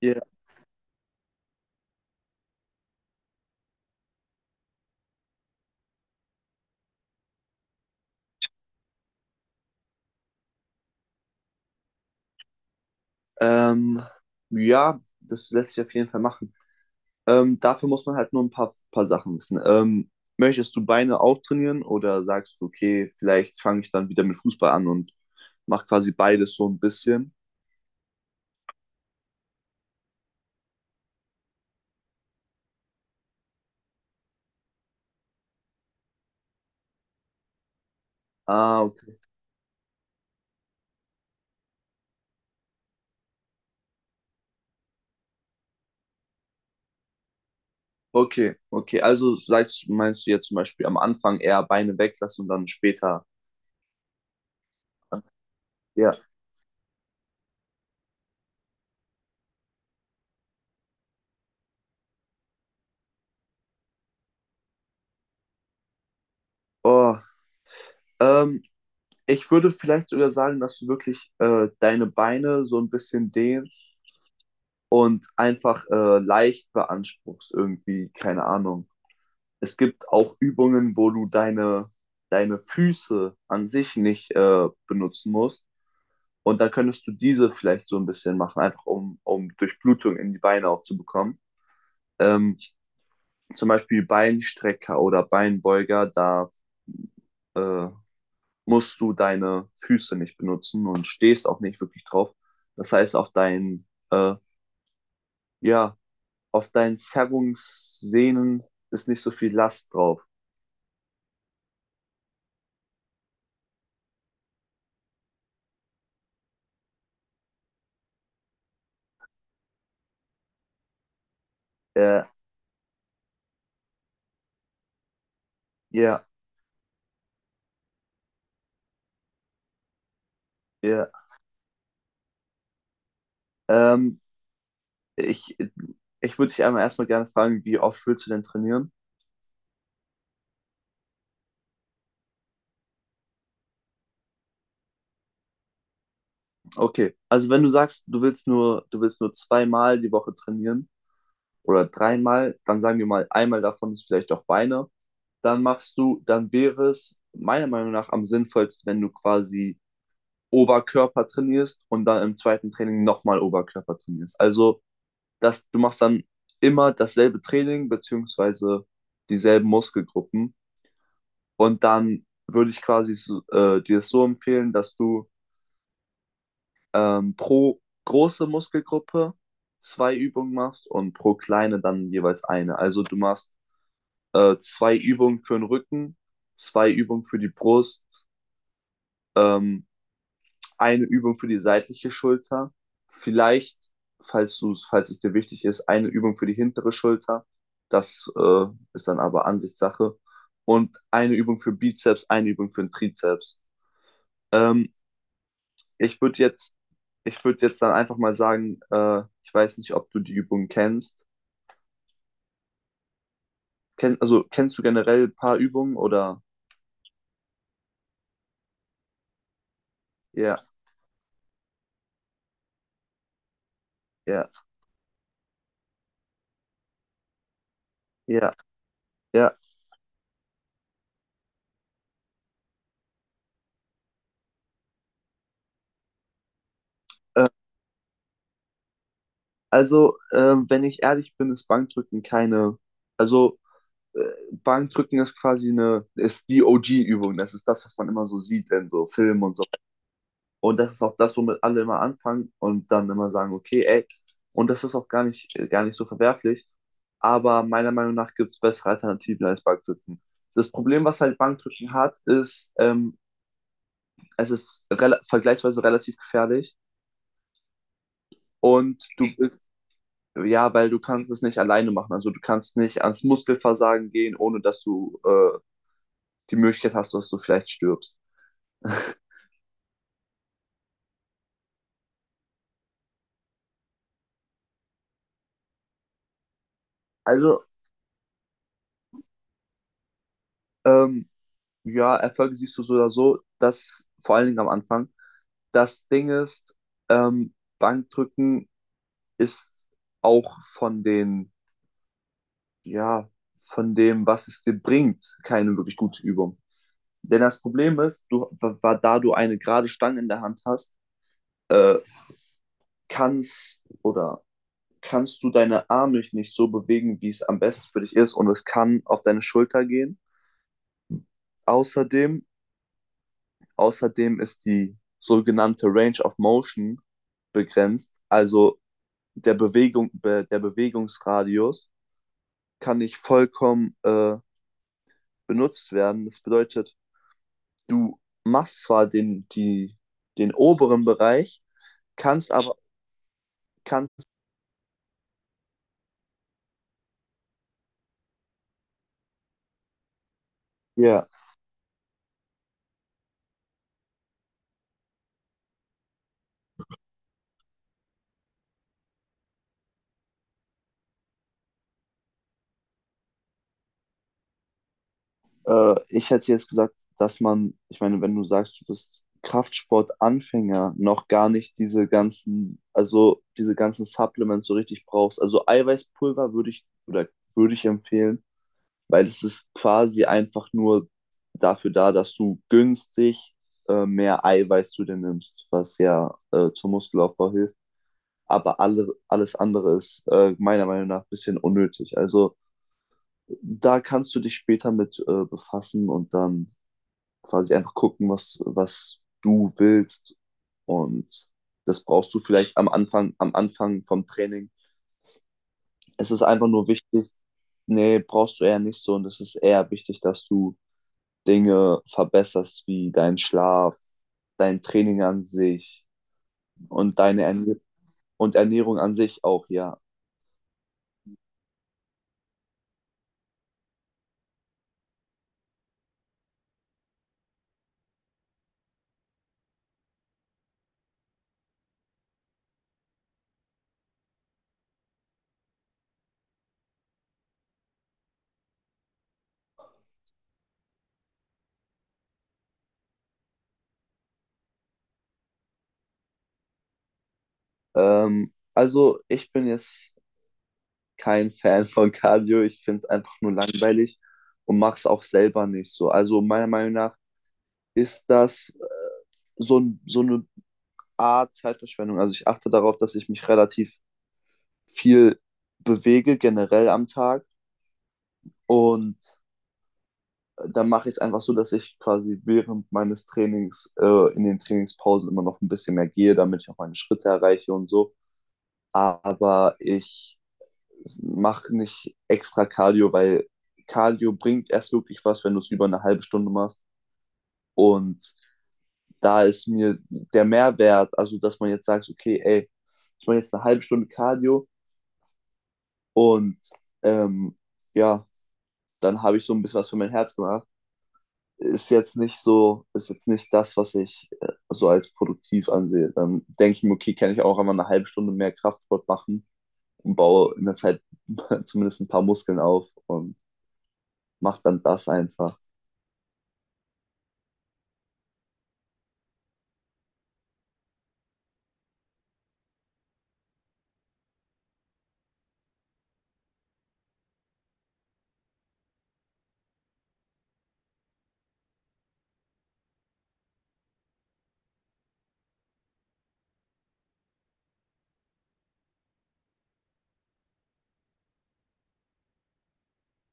Ja, ähm, ja, das lässt sich auf jeden Fall machen. Dafür muss man halt nur ein paar Sachen wissen. Möchtest du Beine auch trainieren oder sagst du, okay, vielleicht fange ich dann wieder mit Fußball an und mache quasi beides so ein bisschen? Ah, okay. Also sagst, meinst du jetzt zum Beispiel am Anfang eher Beine weglassen und dann später? an- Ja. Oh, ähm, ich würde vielleicht sogar sagen, dass du wirklich deine Beine so ein bisschen dehnst und einfach leicht beanspruchst irgendwie, keine Ahnung. Es gibt auch Übungen, wo du deine Füße an sich nicht benutzen musst. Und dann könntest du diese vielleicht so ein bisschen machen, einfach um Durchblutung in die Beine auch zu bekommen. Ähm, Zum Beispiel Beinstrecker oder Beinbeuger, da äh, musst du deine Füße nicht benutzen und stehst auch nicht wirklich drauf. Das heißt, ja, auf deinen Zerrungssehnen ist nicht so viel Last drauf. Ja, ja, ja. Ähm, ich ich würde dich einmal erstmal gerne fragen, wie oft willst du denn trainieren? Okay, also wenn du sagst, du willst nur zweimal die Woche trainieren oder dreimal, dann sagen wir mal, einmal davon ist vielleicht auch Beine, dann dann wäre es meiner Meinung nach am sinnvollsten, wenn du quasi Oberkörper trainierst und dann im zweiten Training nochmal Oberkörper trainierst. Also dass du machst dann immer dasselbe Training beziehungsweise dieselben Muskelgruppen und dann würde ich quasi so, dir das so empfehlen, dass du pro große Muskelgruppe zwei Übungen machst und pro kleine dann jeweils eine. Also du machst zwei Übungen für den Rücken, zwei Übungen für die Brust, ähm, eine Übung für die seitliche Schulter, vielleicht, falls es dir wichtig ist, eine Übung für die hintere Schulter. Das ist dann aber Ansichtssache. Und eine Übung für Bizeps, eine Übung für den Trizeps. Ähm, ich würde jetzt, ich würde jetzt dann einfach mal sagen, ich weiß nicht, ob du die Übung kennst. Also kennst du generell ein paar Übungen oder? Ja, ja, ja, ja. Äh, also, wenn ich ehrlich bin, ist Bankdrücken keine, also äh, Bankdrücken ist quasi ist die OG-Übung. Das ist das, was man immer so sieht in so Filmen und so. Und das ist auch das, womit alle immer anfangen und dann immer sagen, okay, ey, und das ist auch gar nicht so verwerflich. Aber meiner Meinung nach gibt es bessere Alternativen als Bankdrücken. Das Problem, was halt Bankdrücken hat, ist, es ist rela vergleichsweise relativ gefährlich. Und du bist, ja, weil du kannst es nicht alleine machen. Also du kannst nicht ans Muskelversagen gehen, ohne dass du die Möglichkeit hast, dass du vielleicht stirbst. Also, ähm, ja, Erfolge siehst du so oder so, dass vor allen Dingen am Anfang. Das Ding ist, ähm, Bankdrücken ist auch ja, von dem, was es dir bringt, keine wirklich gute Übung. Denn das Problem ist, da du eine gerade Stange in der Hand hast, äh, kannst oder kannst du deine Arme nicht so bewegen, wie es am besten für dich ist und es kann auf deine Schulter gehen. Außerdem Außerdem ist die sogenannte Range of Motion begrenzt, also der Bewegungsradius kann nicht vollkommen benutzt werden. Das bedeutet, du machst zwar den oberen Bereich, kannst aber kannst dir. Ich hätte jetzt gesagt, dass man, ich meine, wenn du sagst, du bist Kraftsportanfänger, noch gar nicht diese ganzen, also diese ganzen Supplements so richtig brauchst. Also Eiweißpulver würde ich empfehlen, weil es ist quasi einfach nur dafür da, dass du günstig mehr Eiweiß zu dir nimmst, was ja zum Muskelaufbau hilft. Alles andere ist meiner Meinung nach ein bisschen unnötig. Also da kannst du dich später mit befassen und dann quasi einfach gucken, was du willst. Und das brauchst du vielleicht am Anfang vom Training. Es ist einfach nur wichtig, nee, brauchst du eher nicht so. Und es ist eher wichtig, dass du Dinge verbesserst, wie deinen Schlaf, dein Training an sich und deine Ernähr und Ernährung an sich auch, ja. Also ich bin jetzt kein Fan von Cardio. Ich finde es einfach nur langweilig und mache es auch selber nicht so. Also meiner Meinung nach ist das so, so eine Art Zeitverschwendung. Also ich achte darauf, dass ich mich relativ viel bewege, generell am Tag. Und dann mache ich es einfach so, dass ich quasi während meines Trainings in den Trainingspausen immer noch ein bisschen mehr gehe, damit ich auch meine Schritte erreiche und so. Aber ich mache nicht extra Cardio, weil Cardio bringt erst wirklich was, wenn du es über eine halbe Stunde machst. Und da ist mir der Mehrwert, also dass man jetzt sagt, okay, ey, ich mache jetzt eine halbe Stunde Cardio und ähm, ja, dann habe ich so ein bisschen was für mein Herz gemacht. Ist jetzt nicht das, was ich so als produktiv ansehe. Dann denke ich mir, okay, kann ich auch einmal eine halbe Stunde mehr Kraftsport machen und baue in der Zeit zumindest ein paar Muskeln auf und mache dann das einfach.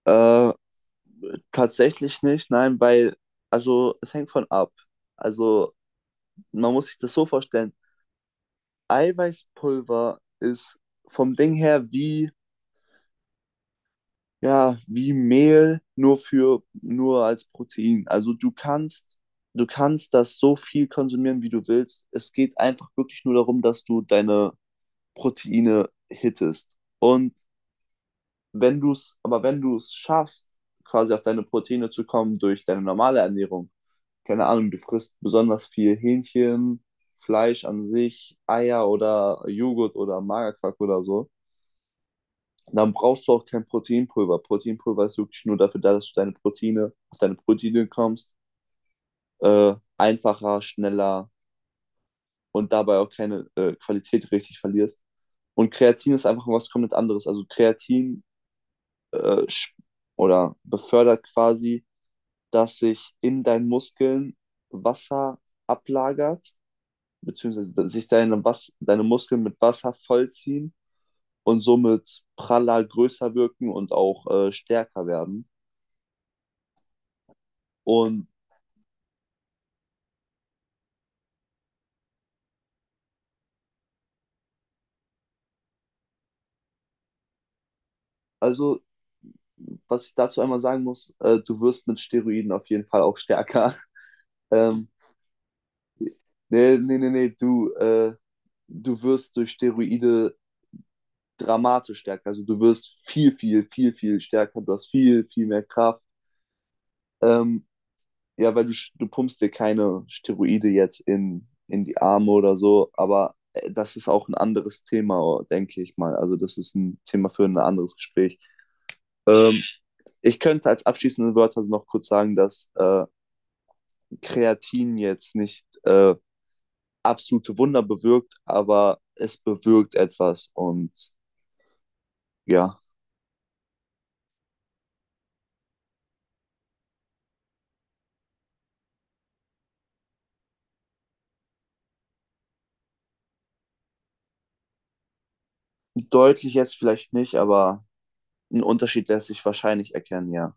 Äh, tatsächlich nicht, nein, also es hängt von ab. Also man muss sich das so vorstellen, Eiweißpulver ist vom Ding her wie, ja, wie Mehl, nur als Protein. Du kannst das so viel konsumieren, wie du willst. Es geht einfach wirklich nur darum, dass du deine Proteine hittest. Und wenn du es schaffst, quasi auf deine Proteine zu kommen durch deine normale Ernährung, keine Ahnung, du frisst besonders viel Hähnchen, Fleisch an sich, Eier oder Joghurt oder Magerquark oder so. Dann brauchst du auch kein Proteinpulver. Proteinpulver ist wirklich nur dafür da, dass auf deine Proteine kommst, einfacher, schneller und dabei auch keine Qualität richtig verlierst. Und Kreatin ist einfach was komplett anderes. Also Kreatin äh, sch- oder befördert quasi, dass sich in deinen Muskeln Wasser ablagert, beziehungsweise dass sich deine, Was deine Muskeln mit Wasser vollziehen und somit praller, größer wirken und auch stärker werden. Und Also, was ich dazu einmal sagen muss, du wirst mit Steroiden auf jeden Fall auch stärker. Ähm, nee, nee, nee, nee, du, äh, du wirst durch Steroide dramatisch stärker. Also, du wirst viel, viel, viel, viel stärker. Du hast viel, viel mehr Kraft. Ähm, ja, du pumpst dir keine Steroide jetzt in die Arme oder so, aber das ist auch ein anderes Thema, denke ich mal. Also, das ist ein Thema für ein anderes Gespräch. Ähm, ich könnte als abschließende Wörter noch kurz sagen, dass. Kreatin jetzt nicht absolute Wunder bewirkt, aber es bewirkt etwas und ja, deutlich jetzt vielleicht nicht, aber ein Unterschied lässt sich wahrscheinlich erkennen, ja.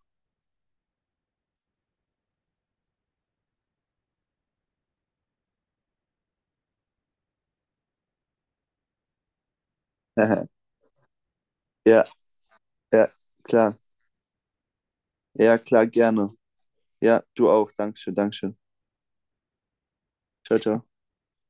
ja, ja, klar. Ja, klar, gerne. Ja, du auch. Dankeschön, Dankeschön. Ciao, ciao.